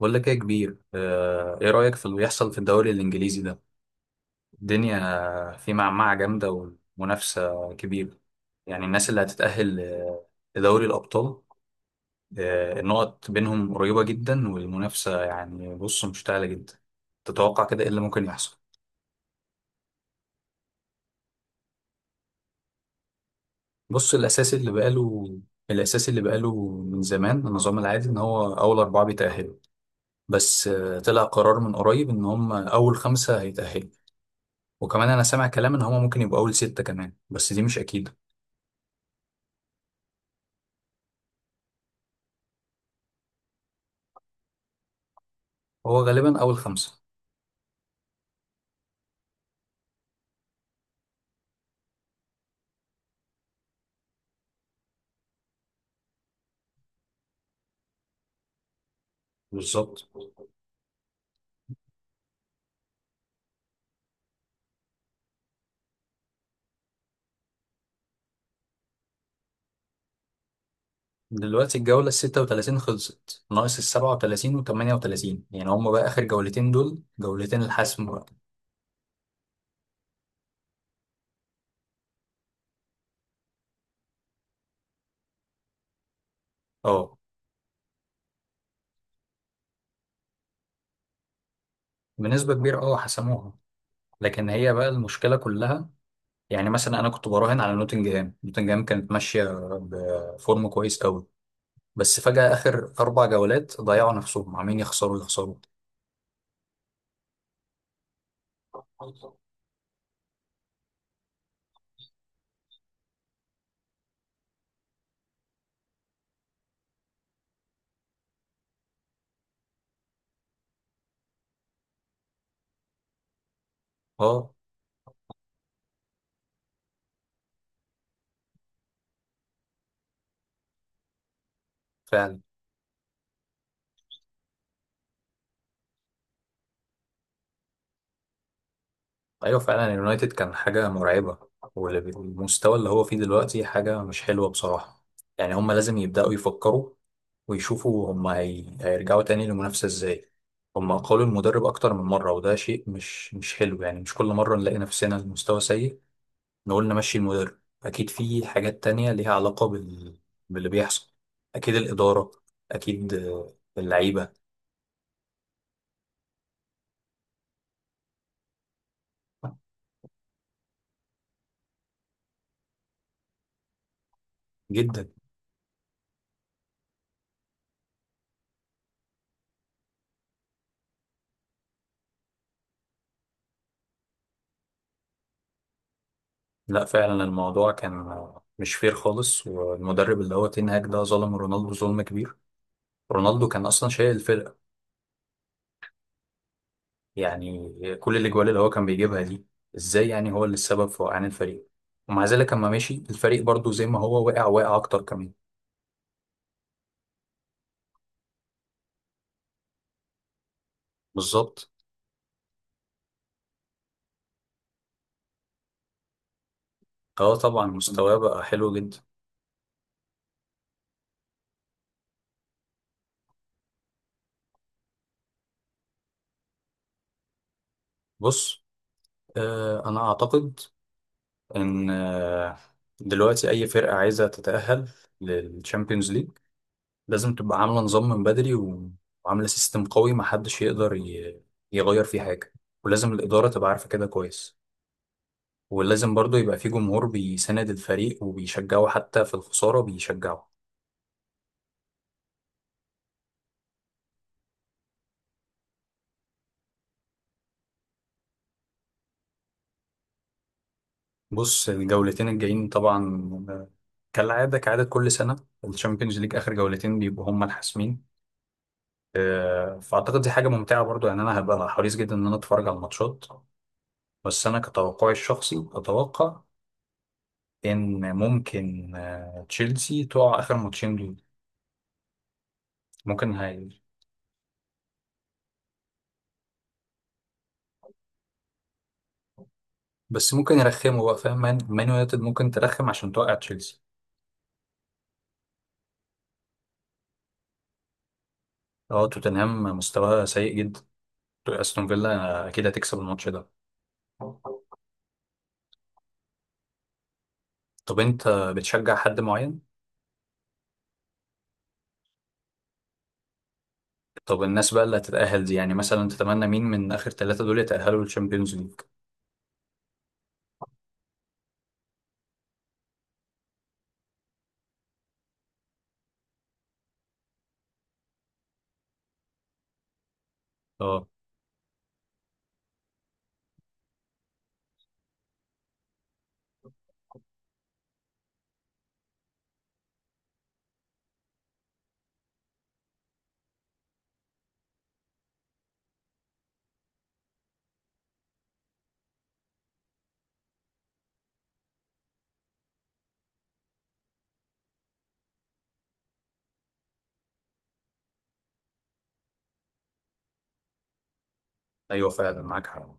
بقول لك ايه يا كبير، ايه رأيك في اللي بيحصل في الدوري الانجليزي ده؟ الدنيا في معمعة جامدة ومنافسة كبيرة. يعني الناس اللي هتتأهل لدوري الأبطال، النقط بينهم قريبة جدا، والمنافسة يعني بص مشتعلة جدا. تتوقع كده ايه اللي ممكن يحصل؟ بص، الأساسي اللي بقاله من زمان، النظام العادي إن هو أول أربعة بيتأهلوا، بس طلع قرار من قريب إن هم أول خمسة هيتأهلوا، وكمان انا سامع كلام ان هما ممكن يبقوا اول ستة كمان، بس دي مش اكيدة. هو غالبا اول خمسة. بالظبط. دلوقتي الجولة 36 خلصت، ناقص 37 وتمانية وتلاتين. يعني هما بقى آخر جولتين دول جولتين الحسم بقى. اه، بنسبة كبيرة، اه حسموها. لكن هي بقى المشكلة كلها، يعني مثلا أنا كنت براهن على نوتنجهام. نوتنجهام كانت ماشية بفورم كويس قوي، بس فجأة آخر 4 جولات ضيعوا نفسهم، عمالين يخسروا يخسروا. اه فعلا. ايوه فعلا، اليونايتد كان حاجه مرعبه، والمستوى اللي هو فيه دلوقتي حاجه مش حلوه بصراحه. يعني هم لازم يبداوا يفكروا ويشوفوا هم هيرجعوا تاني للمنافسه ازاي. هم قالوا المدرب اكتر من مره، وده شيء مش حلو. يعني مش كل مره نلاقي نفسنا المستوى سيء نقول نمشي المدرب، اكيد في حاجات تانية ليها علاقه باللي بيحصل. اكيد الاداره، اكيد اللعيبه. جدا. لا فعلا، الموضوع كان مش فير خالص، والمدرب اللي هو تين هاج ده ظلم رونالدو ظلم كبير. رونالدو كان اصلا شايل الفرقه يعني. كل الاجوال اللي هو كان بيجيبها دي، ازاي يعني هو اللي السبب في وقعان الفريق؟ ومع ذلك لما مشي الفريق برضو زي ما هو وقع وقع اكتر كمان. بالظبط. اه طبعا مستواه بقى حلو جدا. بص، انا اعتقد ان دلوقتي اي فرقه عايزه تتاهل للتشامبيونز ليج لازم تبقى عاملة نظام من بدري، وعاملة سيستم قوي محدش يقدر يغير فيه حاجة. ولازم الإدارة تبقى عارفة كده كويس، ولازم برضو يبقى فيه جمهور بيساند الفريق وبيشجعه، حتى في الخسارة بيشجعه. بص الجولتين الجايين طبعا، كالعادة كعادة كل سنة الشامبيونز ليج آخر جولتين بيبقوا هما الحاسمين. فأعتقد دي حاجة ممتعة برضو، يعني أنا هبقى حريص جدا إن أنا أتفرج على الماتشات. بس أنا كتوقعي الشخصي أتوقع ان ممكن تشيلسي تقع اخر ماتشين دول. ممكن هاي. بس ممكن يرخموا بقى، فاهم؟ مان يونايتد ممكن ترخم عشان توقع تشيلسي. اه، توتنهام مستواها سيء جدا، استون فيلا اكيد هتكسب الماتش ده. طب انت بتشجع حد معين؟ طب الناس بقى اللي هتتأهل دي، يعني مثلا تتمنى مين من اخر ثلاثة دول يتأهلوا للشامبيونز ليج؟ اه. ايوه فعلا، معاك حق.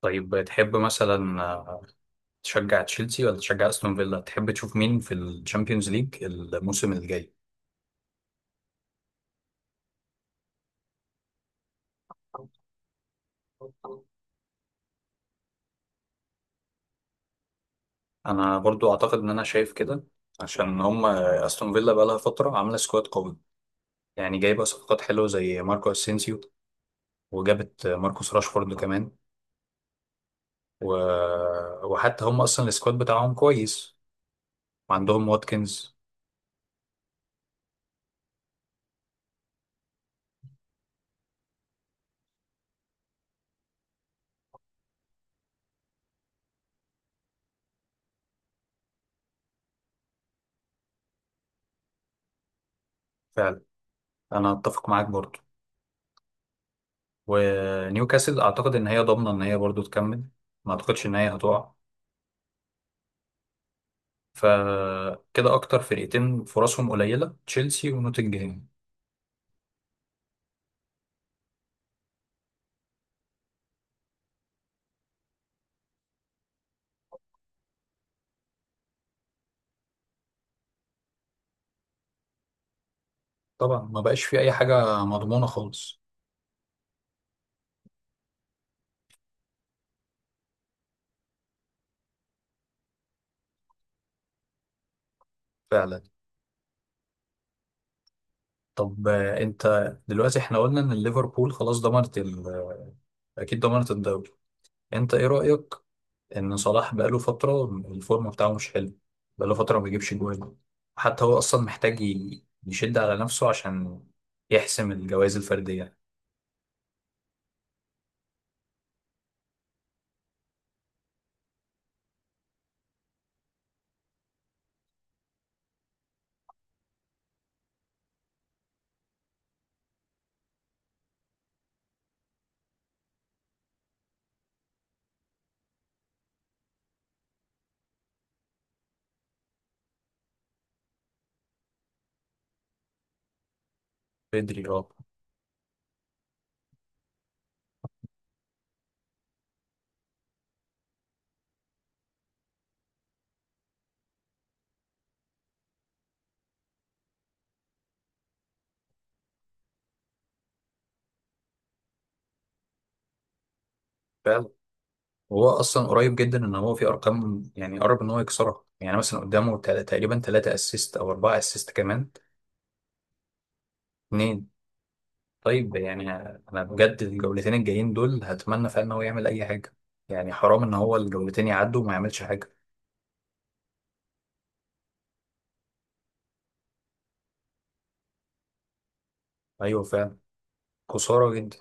طيب تحب مثلا تشجع تشيلسي ولا تشجع استون فيلا؟ تحب تشوف مين في الشامبيونز ليج الموسم الجاي؟ انا برضو اعتقد ان انا شايف كده، عشان هم استون فيلا بقى لها فتره عامله سكواد قوي، يعني جايبه صفقات حلوه زي ماركو اسينسيو، وجابت ماركوس راشفورد كمان و... وحتى هم اصلا السكواد بتاعهم كويس، وعندهم واتكنز. فعلا. انا اتفق معاك برضو. ونيوكاسل اعتقد ان هي ضامنه ان هي برضو تكمل، ما اعتقدش ان هي هتقع. فكده اكتر فرقتين فرصهم قليله تشيلسي ونوتنجهام. طبعا ما بقاش في اي حاجه مضمونه خالص. فعلا. طب انت دلوقتي احنا قلنا ان ليفربول خلاص ضمنت اكيد ضمنت الدوري. انت ايه رأيك ان صلاح بقاله فترة الفورم بتاعه مش حلو، بقاله فترة ما بيجيبش جوان؟ حتى هو اصلا محتاج يشد على نفسه عشان يحسم الجوائز الفردية. بدري، اه. فعلا. وهو اصلا قريب جدا، ان هو في ارقام يعني قرب ان هو يكسرها، يعني مثلا قدامه تقريبا ثلاثة اسيست او اربعة اسيست كمان. اتنين. طيب يعني انا بجد الجولتين الجايين دول هتمنى فعلا ان هو يعمل اي حاجه، يعني حرام ان هو الجولتين يعدوا وما يعملش حاجه. ايوه فعلا. خساره جدا.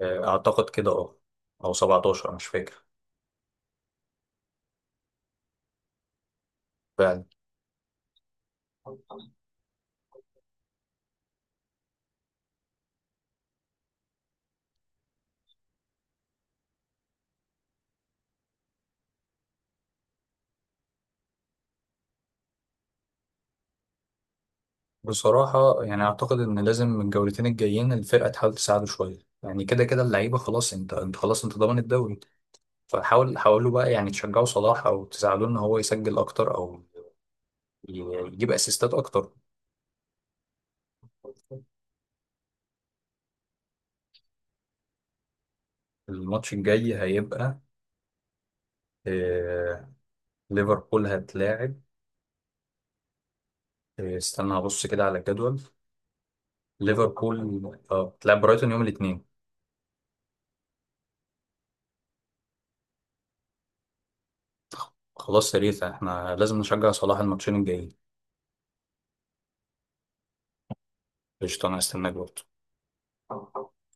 اعتقد كده، اه. او 17 مش فاكر. فعلا. بصراحه يعني اعتقد ان لازم الجولتين الجايين الفرقه تحاول تساعده شويه، يعني كده كده اللعيبه خلاص، انت خلاص انت ضامن الدوري. فحاول حاولوا بقى، يعني تشجعوا صلاح او تساعدوه ان هو يسجل اكتر، او يجيب اسيستات اكتر. الماتش الجاي هيبقى آه، ليفربول هتلاعب. إيه، استنى هبص كده على الجدول. ليفربول اه بتلعب برايتون يوم الاثنين. خلاص، يا ريت احنا لازم نشجع صلاح الماتشين الجايين. قشطة، انا هستناك برضه.